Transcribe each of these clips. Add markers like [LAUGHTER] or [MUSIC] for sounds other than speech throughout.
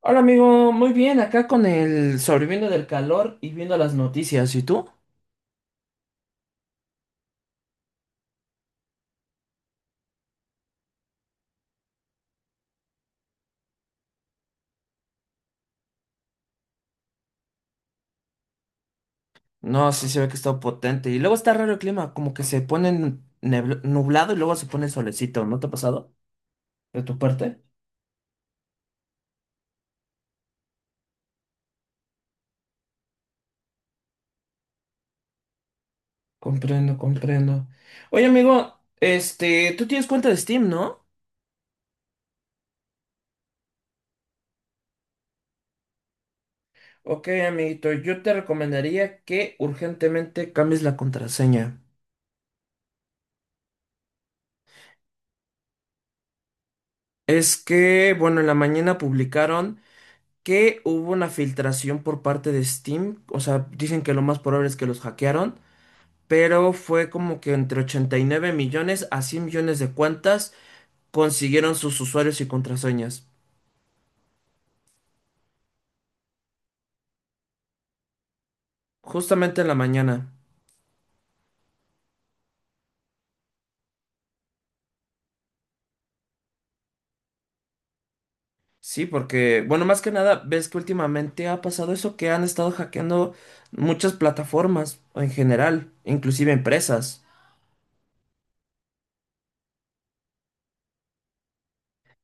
Hola amigo, muy bien, acá con el sobreviviendo del calor y viendo las noticias, ¿y tú? No, sí se ve que está potente. Y luego está raro el clima, como que se pone nublado y luego se pone solecito, ¿no te ha pasado? ¿De tu parte? Comprendo, comprendo. Oye amigo, tú tienes cuenta de Steam, ¿no? Ok, amiguito, yo te recomendaría que urgentemente cambies la contraseña. Es que, bueno, en la mañana publicaron que hubo una filtración por parte de Steam. O sea, dicen que lo más probable es que los hackearon, pero fue como que entre 89 millones a 100 millones de cuentas consiguieron sus usuarios y contraseñas. Justamente en la mañana. Sí, porque, bueno, más que nada, ves que últimamente ha pasado eso que han estado hackeando muchas plataformas en general, inclusive empresas.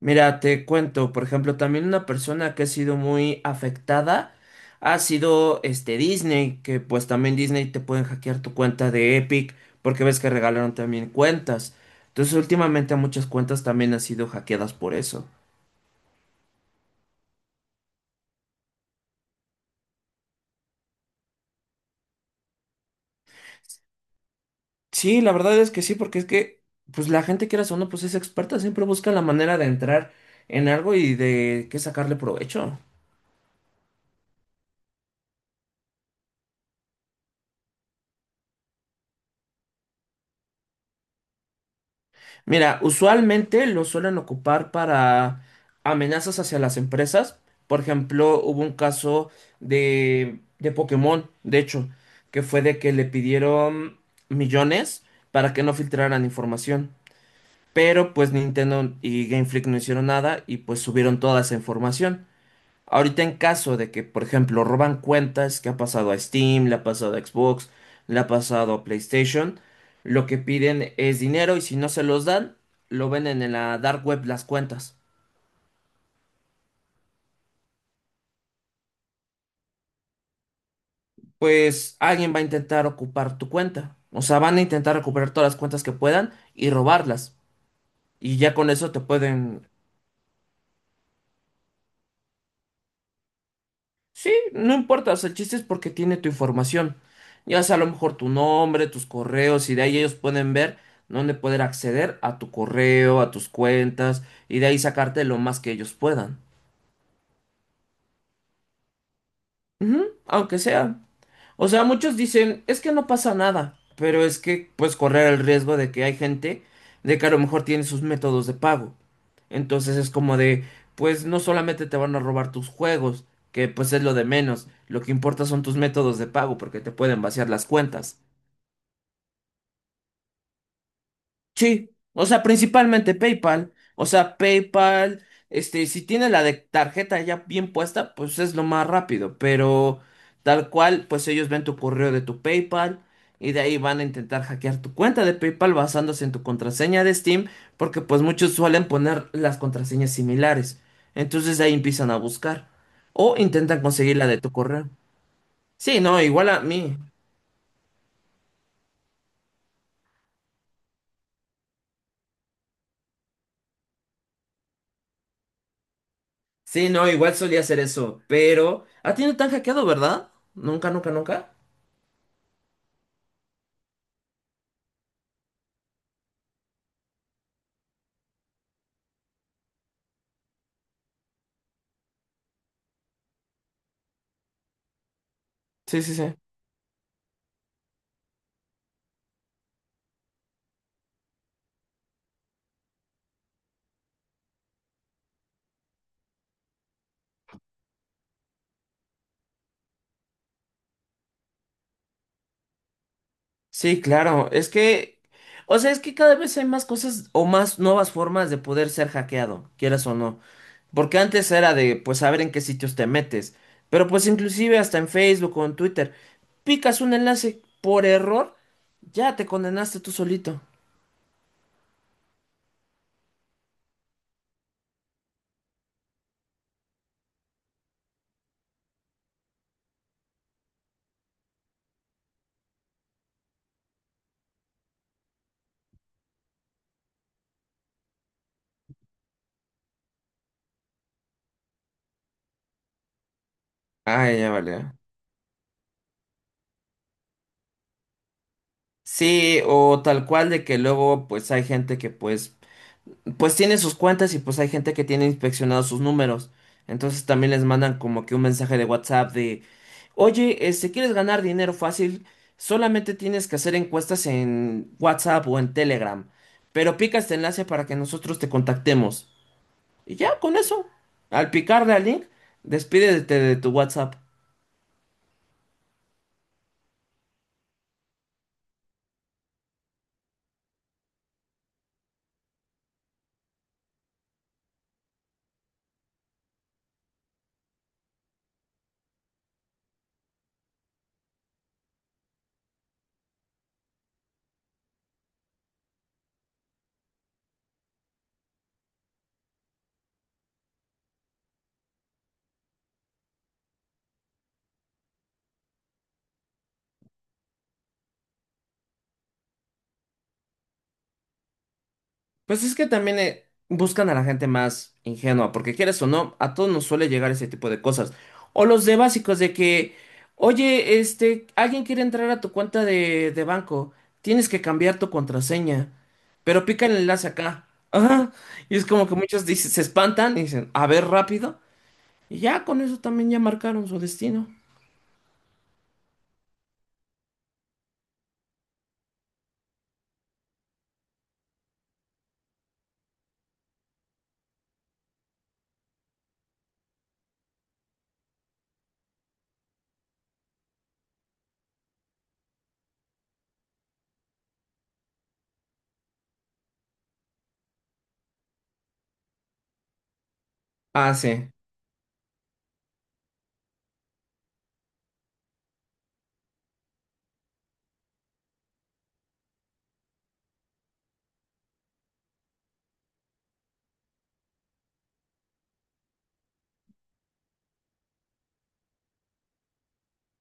Mira, te cuento, por ejemplo, también una persona que ha sido muy afectada ha sido Disney, que pues también Disney te pueden hackear tu cuenta de Epic, porque ves que regalaron también cuentas. Entonces, últimamente muchas cuentas también han sido hackeadas por eso. Sí, la verdad es que sí, porque es que pues la gente quieras o no, pues es experta, siempre busca la manera de entrar en algo y de qué sacarle provecho. Mira, usualmente lo suelen ocupar para amenazas hacia las empresas. Por ejemplo, hubo un caso de Pokémon, de hecho, que fue de que le pidieron millones para que no filtraran información. Pero pues Nintendo y Game Freak no hicieron nada y pues subieron toda esa información. Ahorita en caso de que, por ejemplo, roban cuentas que ha pasado a Steam, le ha pasado a Xbox, le ha pasado a PlayStation, lo que piden es dinero y si no se los dan, lo venden en la dark web las cuentas. Pues alguien va a intentar ocupar tu cuenta. O sea, van a intentar recuperar todas las cuentas que puedan y robarlas. Y ya con eso te pueden. Sí, no importa, o sea, el chiste es porque tiene tu información. Ya sea a lo mejor tu nombre, tus correos, y de ahí ellos pueden ver dónde poder acceder a tu correo, a tus cuentas, y de ahí sacarte lo más que ellos puedan. Ujú, aunque sea. O sea, muchos dicen, es que no pasa nada, pero es que puedes correr el riesgo de que hay gente de que a lo mejor tiene sus métodos de pago. Entonces es como de, pues no solamente te van a robar tus juegos, que pues es lo de menos, lo que importa son tus métodos de pago porque te pueden vaciar las cuentas. Sí, o sea, principalmente PayPal. O sea, PayPal, si tiene la de tarjeta ya bien puesta, pues es lo más rápido. Pero tal cual, pues ellos ven tu correo de tu PayPal y de ahí van a intentar hackear tu cuenta de PayPal basándose en tu contraseña de Steam, porque pues muchos suelen poner las contraseñas similares. Entonces de ahí empiezan a buscar o intentan conseguir la de tu correo. Sí, no, igual a mí. Sí, no, igual solía hacer eso, pero... ¿A ti no te han hackeado, verdad? Nunca, nunca, nunca. Sí, sí, sí. Sí, claro, es que... O sea, es que cada vez hay más cosas o más nuevas formas de poder ser hackeado, quieras o no. Porque antes era de, pues, saber en qué sitios te metes. Pero pues inclusive hasta en Facebook o en Twitter, picas un enlace por error, ya te condenaste tú solito. Ah, ya vale. Sí, o tal cual de que luego pues hay gente que pues tiene sus cuentas y pues hay gente que tiene inspeccionados sus números. Entonces también les mandan como que un mensaje de WhatsApp de, oye, ¿quieres ganar dinero fácil? Solamente tienes que hacer encuestas en WhatsApp o en Telegram. Pero pica este enlace para que nosotros te contactemos. Y ya, con eso. Al picarle al link, despídete de tu WhatsApp. Pues es que también buscan a la gente más ingenua, porque quieres o no, a todos nos suele llegar ese tipo de cosas. O los de básicos de que, oye, alguien quiere entrar a tu cuenta de banco, tienes que cambiar tu contraseña, pero pica el enlace acá. [LAUGHS] Ajá. Y es como que muchos dicen, se espantan y dicen, a ver rápido, y ya con eso también ya marcaron su destino. Ah, sí,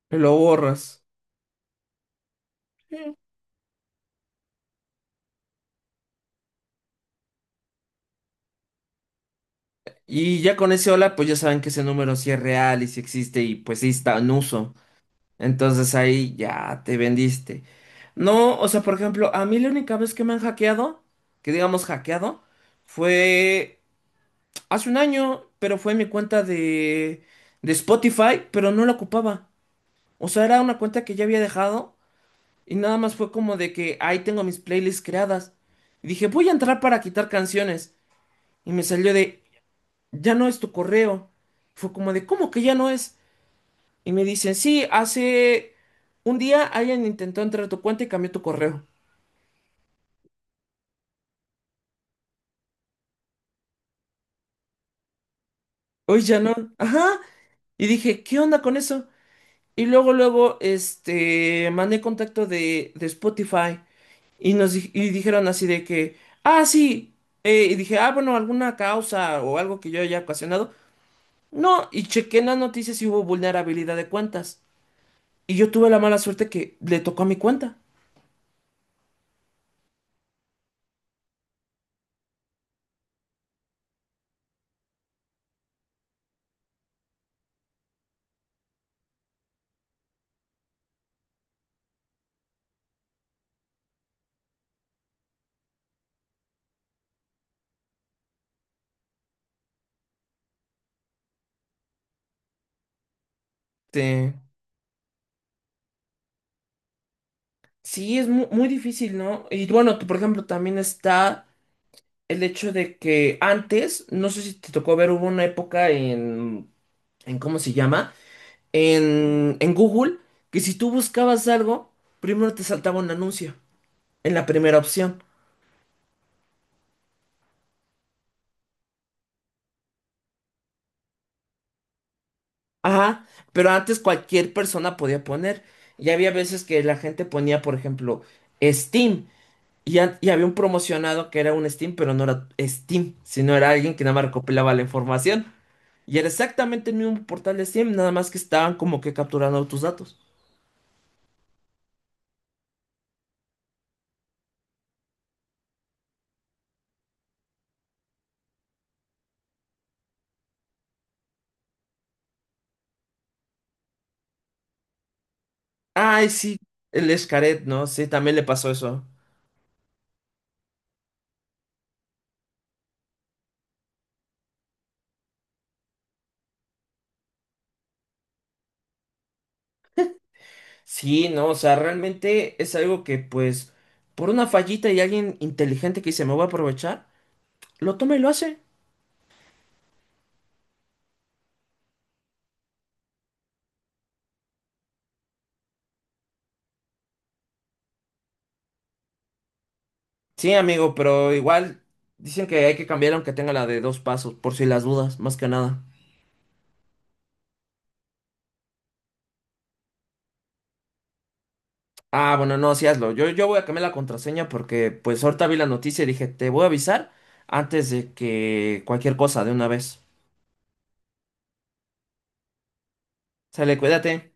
lo borras. Y ya con ese hola, pues ya saben que ese número sí es real y sí existe y pues sí está en uso. Entonces ahí ya te vendiste. No, o sea, por ejemplo, a mí la única vez que me han hackeado, que digamos hackeado, fue hace un año, pero fue en mi cuenta de Spotify, pero no la ocupaba. O sea, era una cuenta que ya había dejado y nada más fue como de que ahí tengo mis playlists creadas. Y dije, voy a entrar para quitar canciones. Y me salió de, ya no es tu correo. Fue como de, ¿cómo que ya no es? Y me dicen, sí, hace un día alguien intentó entrar a tu cuenta y cambió tu correo. Hoy ya no. Ajá. Y dije, ¿qué onda con eso? Y luego, luego, mandé contacto de Spotify y y dijeron así de que, ah, sí. Y dije, ah, bueno, alguna causa o algo que yo haya ocasionado. No, y chequé en las noticias y hubo vulnerabilidad de cuentas. Y yo tuve la mala suerte que le tocó a mi cuenta. Este, sí, es muy difícil, ¿no? Y bueno, por ejemplo, también está el hecho de que antes, no sé si te tocó ver, hubo una época en ¿cómo se llama? En Google, que si tú buscabas algo, primero te saltaba un anuncio, en la primera opción. Ajá, pero antes cualquier persona podía poner. Y había veces que la gente ponía, por ejemplo, Steam. Y había un promocionado que era un Steam, pero no era Steam, sino era alguien que nada más recopilaba la información. Y era exactamente el mismo portal de Steam, nada más que estaban como que capturando tus datos. Ay, sí, el Escaret, ¿no? Sí, también le pasó eso. Sí, no, o sea, realmente es algo que, pues, por una fallita y alguien inteligente que dice, me voy a aprovechar, lo toma y lo hace. Sí, amigo, pero igual dicen que hay que cambiar aunque tenga la de dos pasos, por si las dudas, más que nada. Ah, bueno, no, sí hazlo. Yo voy a cambiar la contraseña porque, pues, ahorita vi la noticia y dije, te voy a avisar antes de que cualquier cosa de una vez. Sale, cuídate.